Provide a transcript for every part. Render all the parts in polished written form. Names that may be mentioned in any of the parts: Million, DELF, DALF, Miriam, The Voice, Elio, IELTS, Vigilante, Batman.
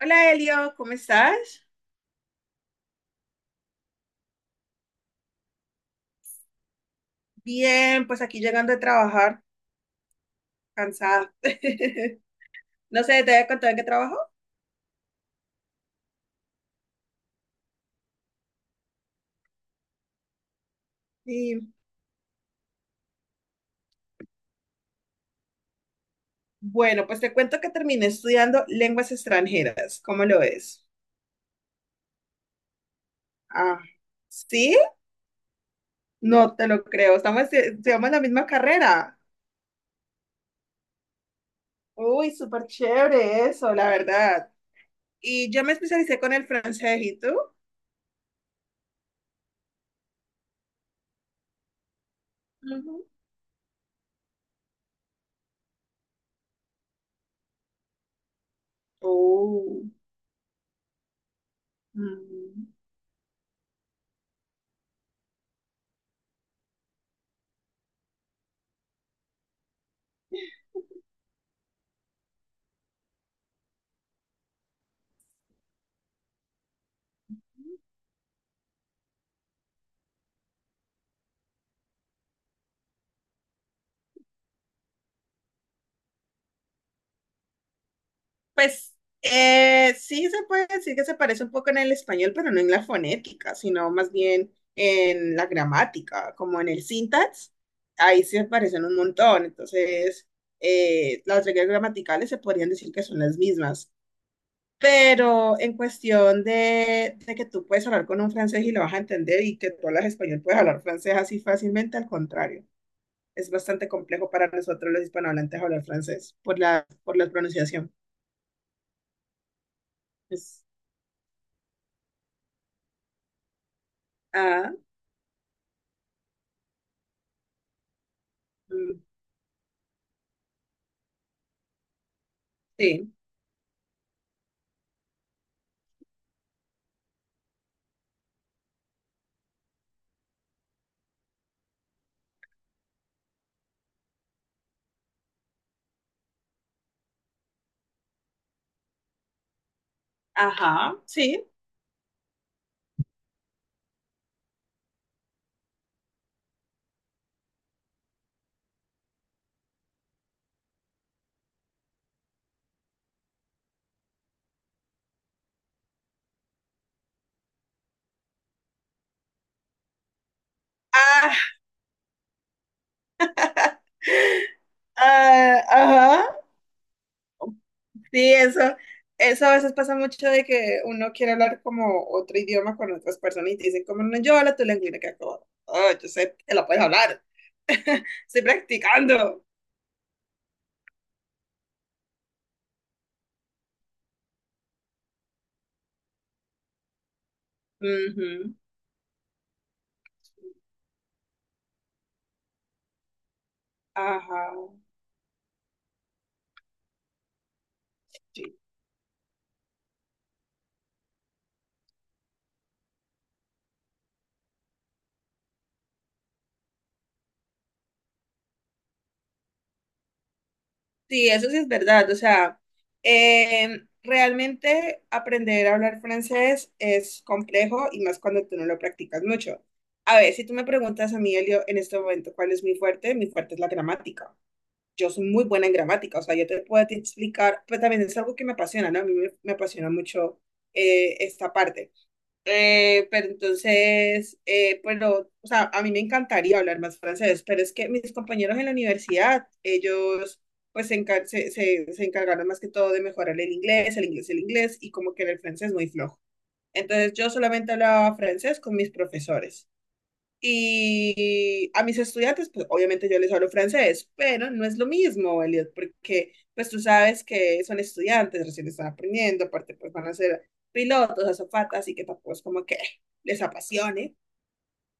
Hola Elio, ¿cómo estás? Bien, pues aquí llegando de trabajar, cansada. No sé, ¿te voy a contar en qué trabajo? Sí. Bueno, pues te cuento que terminé estudiando lenguas extranjeras. ¿Cómo lo ves? Ah, ¿sí? No te lo creo. Estamos, estudiamos la misma carrera. Uy, súper chévere eso, la verdad. Y yo me especialicé con el francés, ¿y tú? Ujú. Oh. Mm. Pues sí se puede decir que se parece un poco en el español, pero no en la fonética, sino más bien en la gramática, como en el syntax. Ahí sí se parecen un montón. Entonces, las reglas gramaticales se podrían decir que son las mismas. Pero en cuestión de que tú puedes hablar con un francés y lo vas a entender y que tú hablas español, puedes hablar francés así fácilmente, al contrario. Es bastante complejo para nosotros los hispanohablantes hablar francés por la pronunciación. Es- ah. Mm, sí, ajá, sí. Ah, ah, ajá. Sí, eso a veces pasa mucho de que uno quiere hablar como otro idioma con otras personas y te dicen como no, yo hablo tu lengua y uno queda como, oh, yo sé que lo puedes hablar, estoy practicando. Ujú, ajá, sí. Sí, eso sí es verdad. O sea, realmente aprender a hablar francés es complejo y más cuando tú no lo practicas mucho. A ver, si tú me preguntas a mí, Elio, en este momento, ¿cuál es mi fuerte? Mi fuerte es la gramática. Yo soy muy buena en gramática, o sea, yo te puedo te explicar, pues también es algo que me apasiona, ¿no? A mí me, me apasiona mucho esta parte. Pero entonces, pero, o sea, a mí me encantaría hablar más francés, pero es que mis compañeros en la universidad, ellos pues se, se encargaron más que todo de mejorar el inglés, el inglés, el inglés, y como que era el francés muy flojo. Entonces yo solamente hablaba francés con mis profesores. Y a mis estudiantes, pues obviamente yo les hablo francés, pero no es lo mismo, Elliot, porque pues tú sabes que son estudiantes, recién están aprendiendo, aparte pues van a ser pilotos, azafatas, así que tampoco es como que les apasione.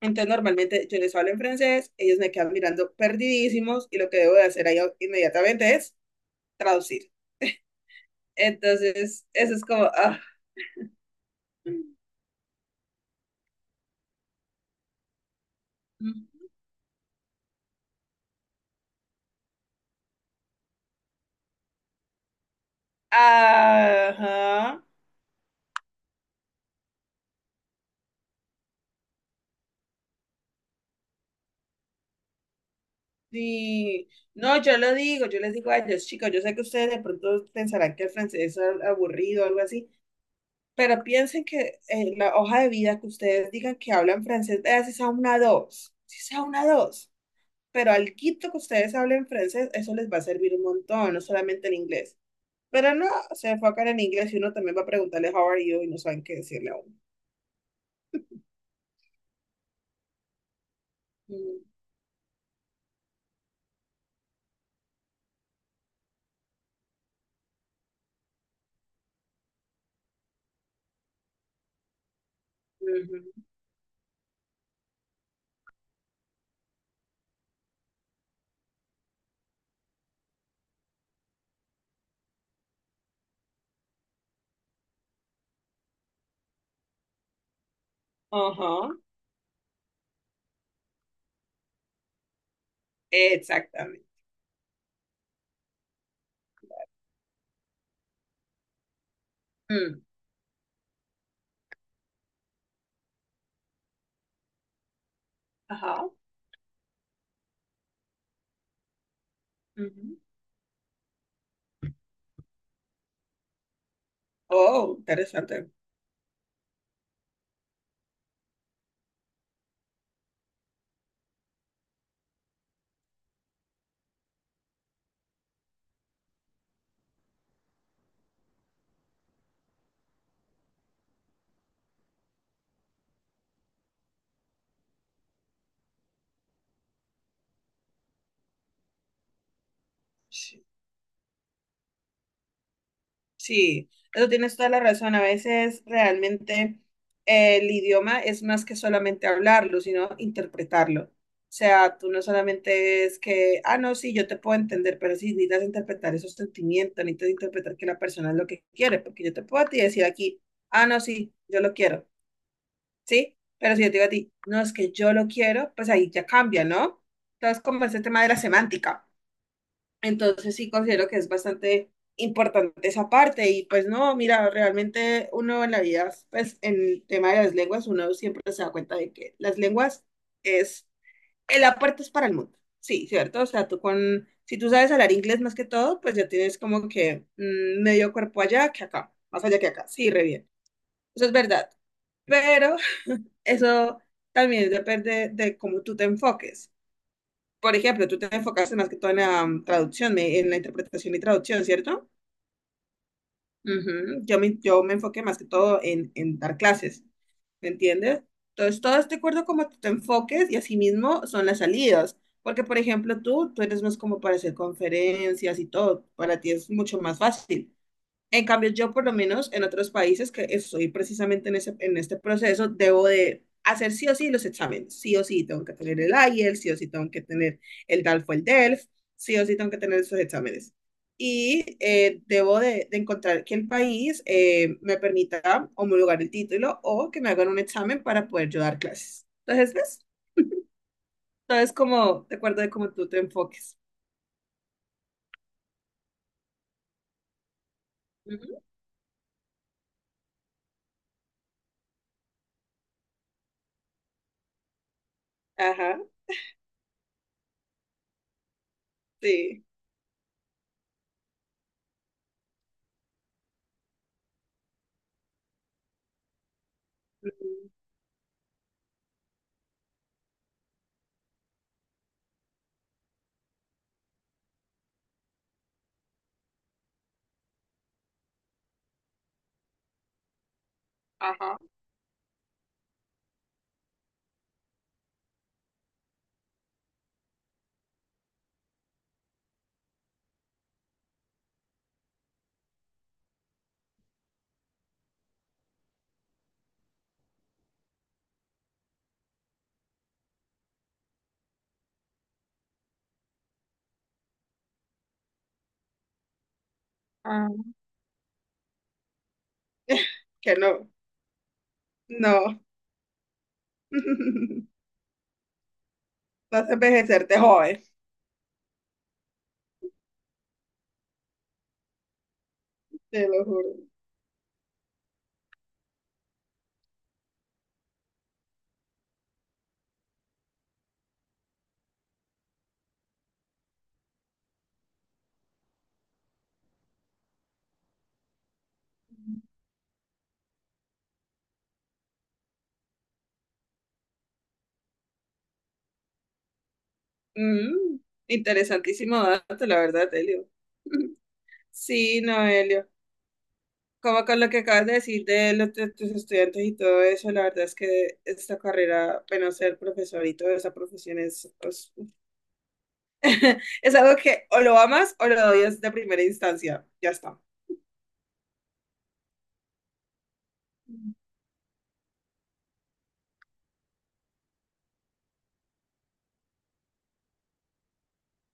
Entonces normalmente yo les hablo en francés, ellos me quedan mirando perdidísimos y lo que debo de hacer ahí inmediatamente es traducir. Entonces, eso es como ah. Ajá. Sí, no, yo lo digo, yo les digo a ellos, chicos, yo sé que ustedes de pronto pensarán que el francés es aburrido o algo así, pero piensen que la hoja de vida que ustedes digan que hablan francés, vea si sea una dos, si sea una dos, pero al quito que ustedes hablen francés, eso les va a servir un montón, no solamente el inglés. Pero no, se enfocan en inglés y uno también va a preguntarle how are you y no saben qué decirle a uno. Mm, ujú. Ajá, exactamente. Mm, ajá. Ujú. Oh, interesante. Sí, eso tienes toda la razón. A veces realmente el idioma es más que solamente hablarlo, sino interpretarlo. O sea, tú no solamente es que, ah, no, sí, yo te puedo entender, pero sí necesitas interpretar esos sentimientos, necesitas interpretar que la persona es lo que quiere, porque yo te puedo a ti decir aquí, ah, no, sí, yo lo quiero, ¿sí? Pero si yo te digo a ti, no, es que yo lo quiero, pues ahí ya cambia, ¿no? Entonces, como ese tema de la semántica. Entonces sí considero que es bastante importante esa parte y pues no, mira, realmente uno en la vida, pues en el tema de las lenguas, uno siempre se da cuenta de que las lenguas es el aporte es para el mundo, sí, ¿cierto? O sea, tú con, si tú sabes hablar inglés más que todo, pues ya tienes como que mm, medio cuerpo allá que acá, más allá que acá, sí, re bien, eso es verdad, pero eso también depende de cómo tú te enfoques. Por ejemplo, tú te enfocaste más que todo en la mm, en la interpretación y traducción, ¿cierto? Ujú. Yo me enfoqué más que todo en dar clases, ¿me entiendes? Entonces, todo es de acuerdo a cómo tú te enfoques y asimismo son las salidas. Porque, por ejemplo, tú eres más como para hacer conferencias y todo, para ti es mucho más fácil. En cambio, yo por lo menos en otros países que estoy precisamente en ese, en este proceso, debo de hacer sí o sí los exámenes. Sí o sí tengo que tener el IELTS, sí o sí tengo que tener el DALF o el DELF, sí o sí tengo que tener esos exámenes. Y debo de encontrar que el país me permita homologar el título o que me hagan un examen para poder yo dar clases. Entonces, ¿ves? Entonces, como, de acuerdo de cómo tú te enfoques. Ujú. Ajá, sí. Ujú. Ajá. Ah. Que no. No, vas a envejecerte joven, te lo juro. Mm, interesantísimo dato, la verdad, Helio. Sí, no, Helio. Como con lo que acabas de decir de los de tus estudiantes y todo eso, la verdad es que esta carrera, bueno, ser profesor y toda esa profesión es, es algo que o lo amas o lo odias de primera instancia. Ya está. Mm.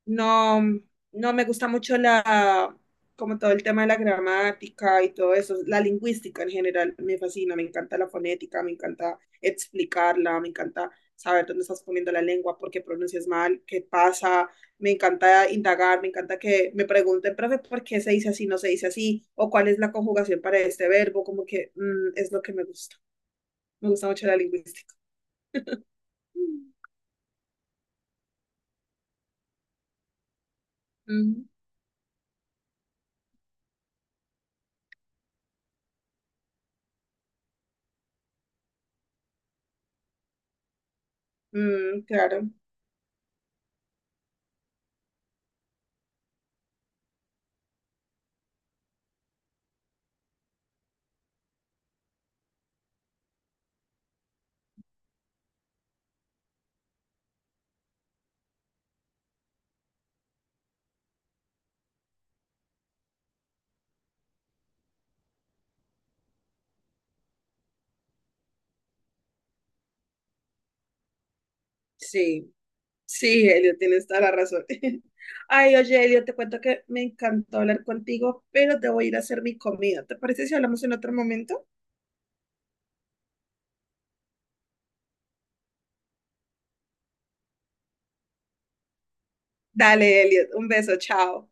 No, no me gusta mucho la, como todo el tema de la gramática y todo eso, la lingüística en general me fascina, me encanta la fonética, me encanta explicarla, me encanta saber dónde estás poniendo la lengua, por qué pronuncias mal, qué pasa, me encanta indagar, me encanta que me pregunten, profe, ¿por qué se dice así, no se dice así? O cuál es la conjugación para este verbo, como que mm, es lo que me gusta mucho la lingüística. Mm, ujú, mm, claro, sí. Sí, Elio, tienes toda la razón. Ay, oye, Elio, te cuento que me encantó hablar contigo, pero te voy a ir a hacer mi comida. ¿Te parece si hablamos en otro momento? Dale, Elio, un beso, chao.